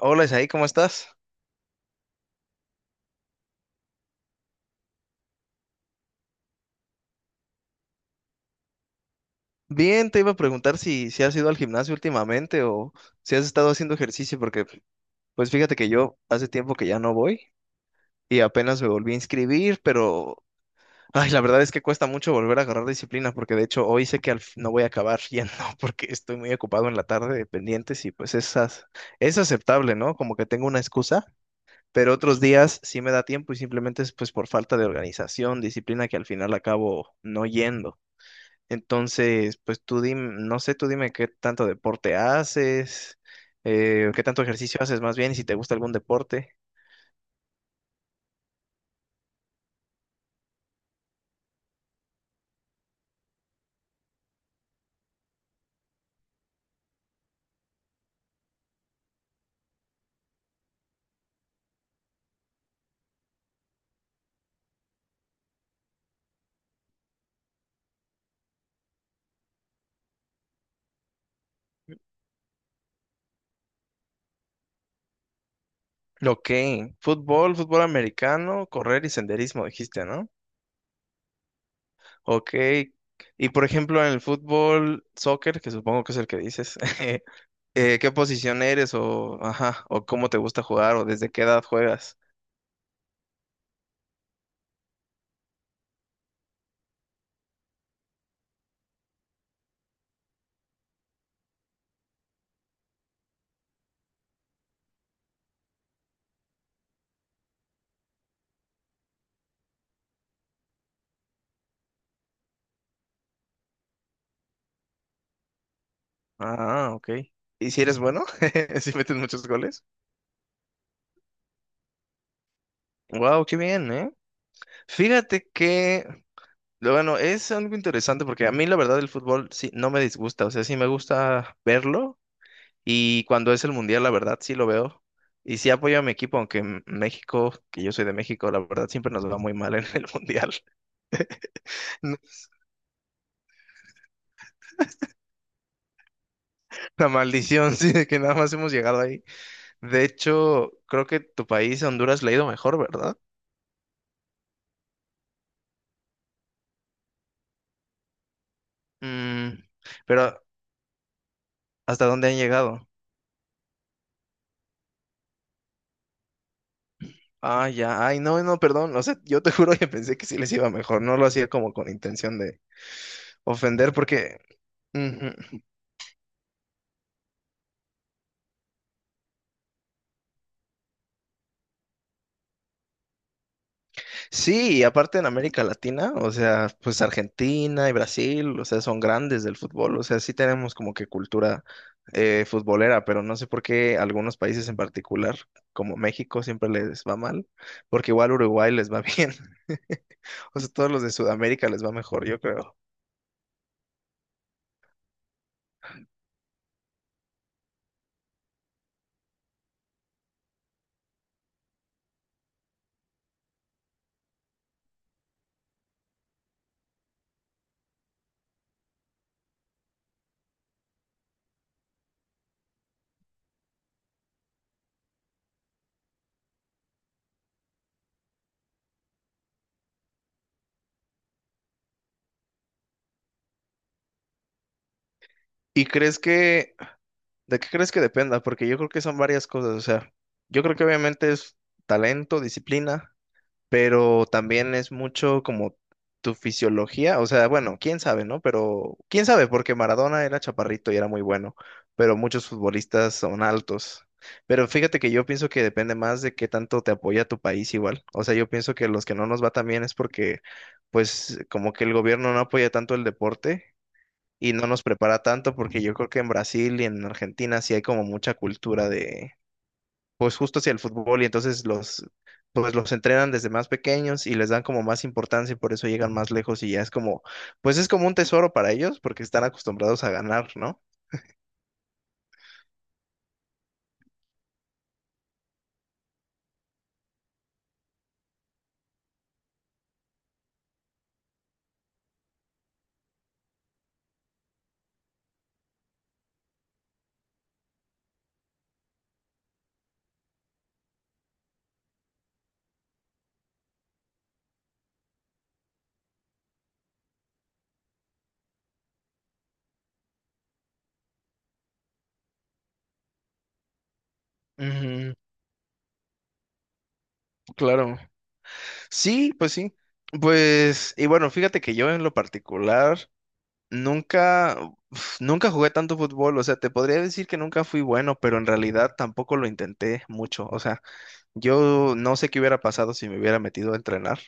Hola Isaí, ¿cómo estás? Bien, te iba a preguntar si has ido al gimnasio últimamente o si has estado haciendo ejercicio, porque pues fíjate que yo hace tiempo que ya no voy y apenas me volví a inscribir, pero ay, la verdad es que cuesta mucho volver a agarrar disciplina, porque de hecho hoy sé que al fin no voy a acabar yendo porque estoy muy ocupado en la tarde de pendientes y pues esas es aceptable, ¿no? Como que tengo una excusa, pero otros días sí me da tiempo y simplemente es pues por falta de organización, disciplina que al final acabo no yendo. Entonces, pues tú dime, no sé, tú dime qué tanto deporte haces, qué tanto ejercicio haces más bien y si te gusta algún deporte. Ok, fútbol, fútbol americano, correr y senderismo, dijiste, ¿no? Ok, y por ejemplo en el fútbol, soccer, que supongo que es el que dices, ¿qué posición eres o, ajá, o cómo te gusta jugar o desde qué edad juegas? Ah, ok. ¿Y si eres bueno? ¿Si metes muchos goles? Wow, qué bien, ¿eh? Fíjate que lo bueno, es algo interesante porque a mí la verdad el fútbol sí no me disgusta, o sea, sí me gusta verlo y cuando es el mundial la verdad sí lo veo y sí apoyo a mi equipo, aunque en México, que yo soy de México, la verdad siempre nos va muy mal en el mundial. La maldición, sí, de que nada más hemos llegado ahí. De hecho, creo que tu país, Honduras, le ha ido mejor, ¿verdad? Mm, pero ¿hasta dónde han llegado? Ah, ya, ay, no, no, perdón, o sea, yo te juro que pensé que sí les iba mejor, no lo hacía como con intención de ofender, porque Ujú. Sí, y aparte en América Latina, o sea, pues Argentina y Brasil, o sea, son grandes del fútbol, o sea, sí tenemos como que cultura futbolera, pero no sé por qué algunos países en particular, como México, siempre les va mal, porque igual Uruguay les va bien, o sea, todos los de Sudamérica les va mejor, yo creo. ¿Y crees que, de qué crees que dependa? Porque yo creo que son varias cosas, o sea, yo creo que obviamente es talento, disciplina, pero también es mucho como tu fisiología, o sea, bueno, quién sabe, ¿no? Pero quién sabe, porque Maradona era chaparrito y era muy bueno, pero muchos futbolistas son altos. Pero fíjate que yo pienso que depende más de qué tanto te apoya tu país igual. O sea, yo pienso que los que no nos va tan bien es porque, pues, como que el gobierno no apoya tanto el deporte y no nos prepara tanto, porque yo creo que en Brasil y en Argentina sí hay como mucha cultura pues justo hacia el fútbol y entonces los, pues los entrenan desde más pequeños y les dan como más importancia y por eso llegan más lejos y ya es como, pues es como un tesoro para ellos porque están acostumbrados a ganar, ¿no? Ujú, claro. Sí. Pues, y bueno, fíjate que yo en lo particular nunca, uf, nunca jugué tanto fútbol, o sea, te podría decir que nunca fui bueno, pero en realidad tampoco lo intenté mucho, o sea, yo no sé qué hubiera pasado si me hubiera metido a entrenar.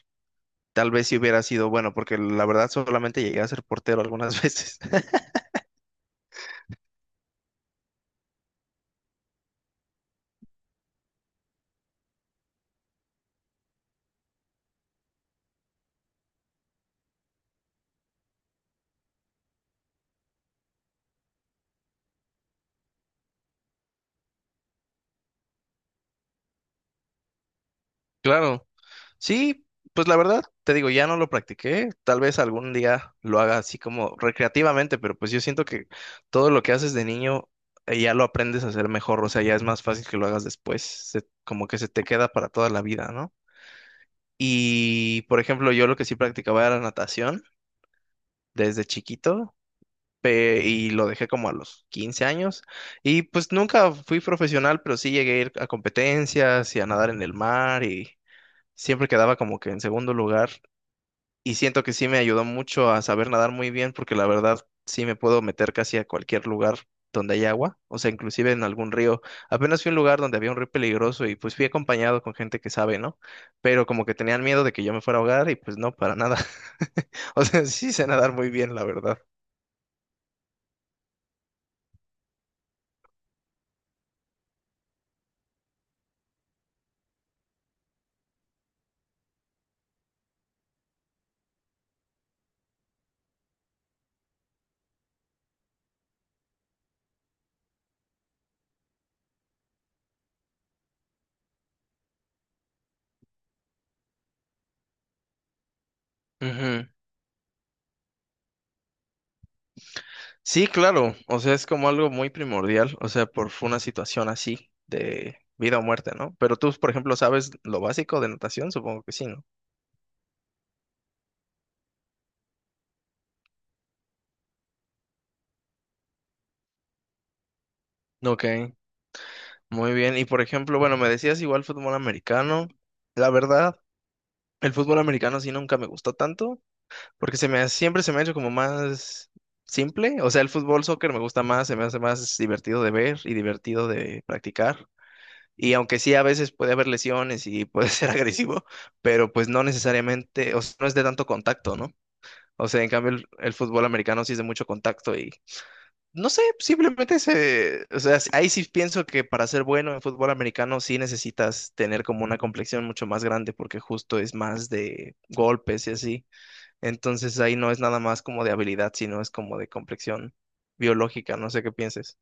Tal vez si hubiera sido bueno, porque la verdad solamente llegué a ser portero algunas veces. Claro. Sí, pues la verdad, te digo, ya no lo practiqué. Tal vez algún día lo haga así como recreativamente, pero pues yo siento que todo lo que haces de niño ya lo aprendes a hacer mejor, o sea, ya es más fácil que lo hagas después, como que se te queda para toda la vida, ¿no? Y, por ejemplo, yo lo que sí practicaba era natación desde chiquito, y lo dejé como a los 15 años. Y pues nunca fui profesional, pero sí llegué a ir a competencias y a nadar en el mar y siempre quedaba como que en segundo lugar. Y siento que sí me ayudó mucho a saber nadar muy bien porque la verdad sí me puedo meter casi a cualquier lugar donde hay agua, o sea, inclusive en algún río. Apenas fui a un lugar donde había un río peligroso y pues fui acompañado con gente que sabe, ¿no? Pero como que tenían miedo de que yo me fuera a ahogar y pues no, para nada. O sea, sí sé nadar muy bien, la verdad. Ujú. Sí, claro, o sea, es como algo muy primordial, o sea, por una situación así de vida o muerte, ¿no? Pero tú, por ejemplo, sabes lo básico de natación, supongo que sí, ¿no? Ok, muy bien. Y por ejemplo, bueno, me decías igual fútbol americano. La verdad, el fútbol americano sí nunca me gustó tanto, porque siempre se me ha hecho como más simple, o sea, el fútbol soccer me gusta más, se me hace más divertido de ver y divertido de practicar. Y aunque sí, a veces puede haber lesiones y puede ser agresivo, pero pues no necesariamente, o sea, no es de tanto contacto, ¿no? O sea, en cambio el fútbol americano sí es de mucho contacto y no sé, simplemente se, o sea, ahí sí pienso que para ser bueno en fútbol americano sí necesitas tener como una complexión mucho más grande porque justo es más de golpes y así. Entonces ahí no es nada más como de habilidad, sino es como de complexión biológica, no sé qué pienses.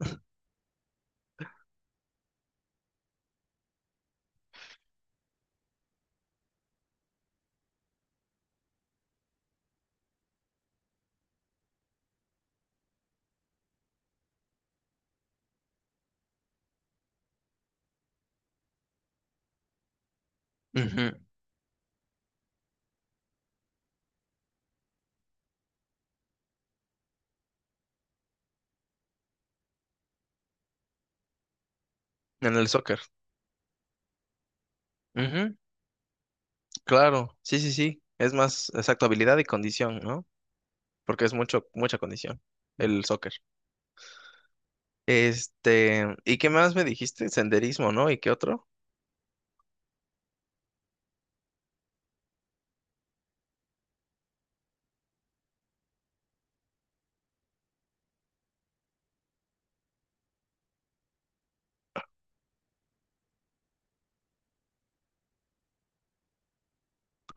Ujú, en el soccer. Claro, sí, sí, sí. Es más, exacto, habilidad y condición, ¿no? Porque es mucho, mucha condición, el soccer. Este, ¿y qué más me dijiste? Senderismo, ¿no? ¿Y qué otro?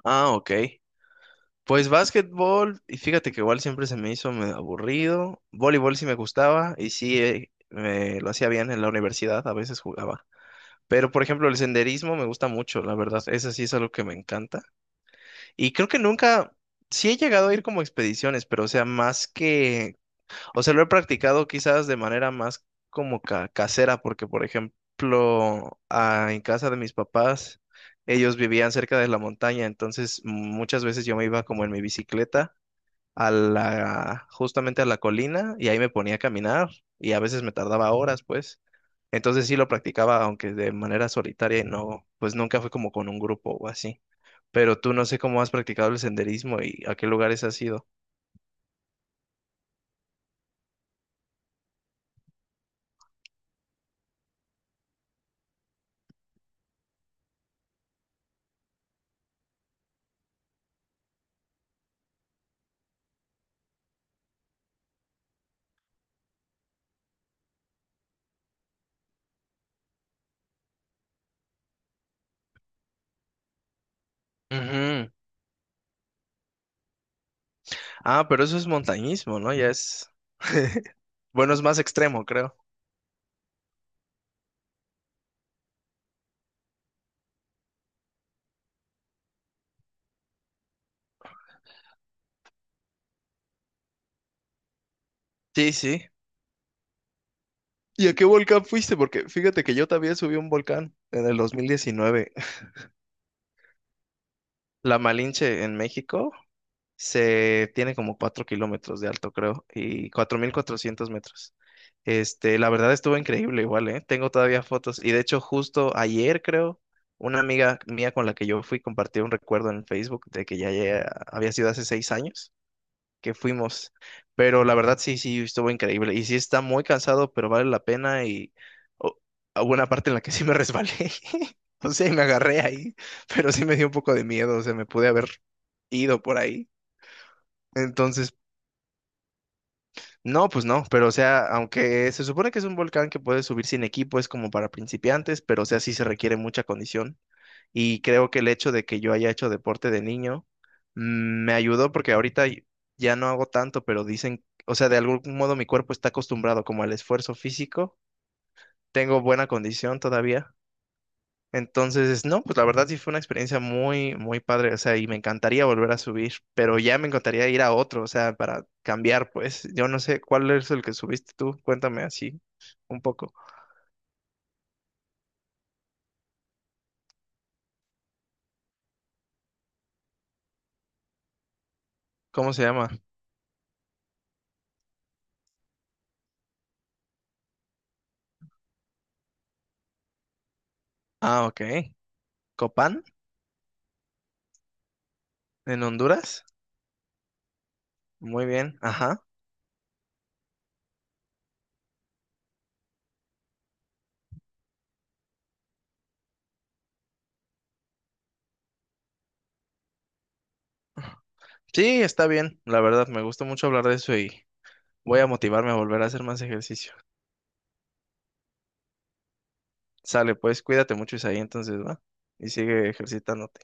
Ah, ok. Pues básquetbol, y fíjate que igual siempre se me hizo medio aburrido. Voleibol sí me gustaba y sí me lo hacía bien en la universidad, a veces jugaba. Pero por ejemplo, el senderismo me gusta mucho, la verdad, eso sí es algo que me encanta. Y creo que nunca, sí he llegado a ir como a expediciones, pero o sea, más que O sea, lo he practicado quizás de manera más como casera, porque por ejemplo, ah, en casa de mis papás, ellos vivían cerca de la montaña, entonces muchas veces yo me iba como en mi bicicleta a la, justamente a la colina y ahí me ponía a caminar y a veces me tardaba horas, pues. Entonces sí lo practicaba, aunque de manera solitaria y no, pues nunca fue como con un grupo o así. Pero tú no sé cómo has practicado el senderismo y a qué lugares has ido. Ujú. Ah, pero eso es montañismo, ¿no? Ya es... Bueno, es más extremo, creo. Sí, sí. ¿Y a qué volcán fuiste? Porque fíjate que yo también subí a un volcán en el 2019. La Malinche en México se tiene como 4 kilómetros de alto, creo, y 4.400 metros. Este, la verdad estuvo increíble igual, ¿eh? Tengo todavía fotos. Y de hecho, justo ayer, creo, una amiga mía con la que yo fui compartió un recuerdo en Facebook de que ya había sido hace 6 años que fuimos. Pero la verdad sí, sí, estuvo increíble. Y sí está muy cansado, pero vale la pena. Y o- hubo una parte en la que sí me resbalé. O sea, y me agarré ahí, pero sí me dio un poco de miedo. O sea, me pude haber ido por ahí. Entonces, no, pues no, pero o sea, aunque se supone que es un volcán que puedes subir sin equipo, es como para principiantes, pero o sea, sí se requiere mucha condición. Y creo que el hecho de que yo haya hecho deporte de niño me ayudó porque ahorita ya no hago tanto, pero dicen, o sea, de algún modo mi cuerpo está acostumbrado como al esfuerzo físico. Tengo buena condición todavía. Entonces, no, pues la verdad sí fue una experiencia muy, muy padre, o sea, y me encantaría volver a subir, pero ya me encantaría ir a otro, o sea, para cambiar, pues, yo no sé cuál es el que subiste tú, cuéntame así un poco. ¿Cómo se llama? Ah, ok. Copán, en Honduras. Muy bien, ajá. Sí, está bien, la verdad, me gusta mucho hablar de eso y voy a motivarme a volver a hacer más ejercicio. Sale, pues cuídate mucho, Isaí, entonces, ¿va? Y sigue ejercitándote.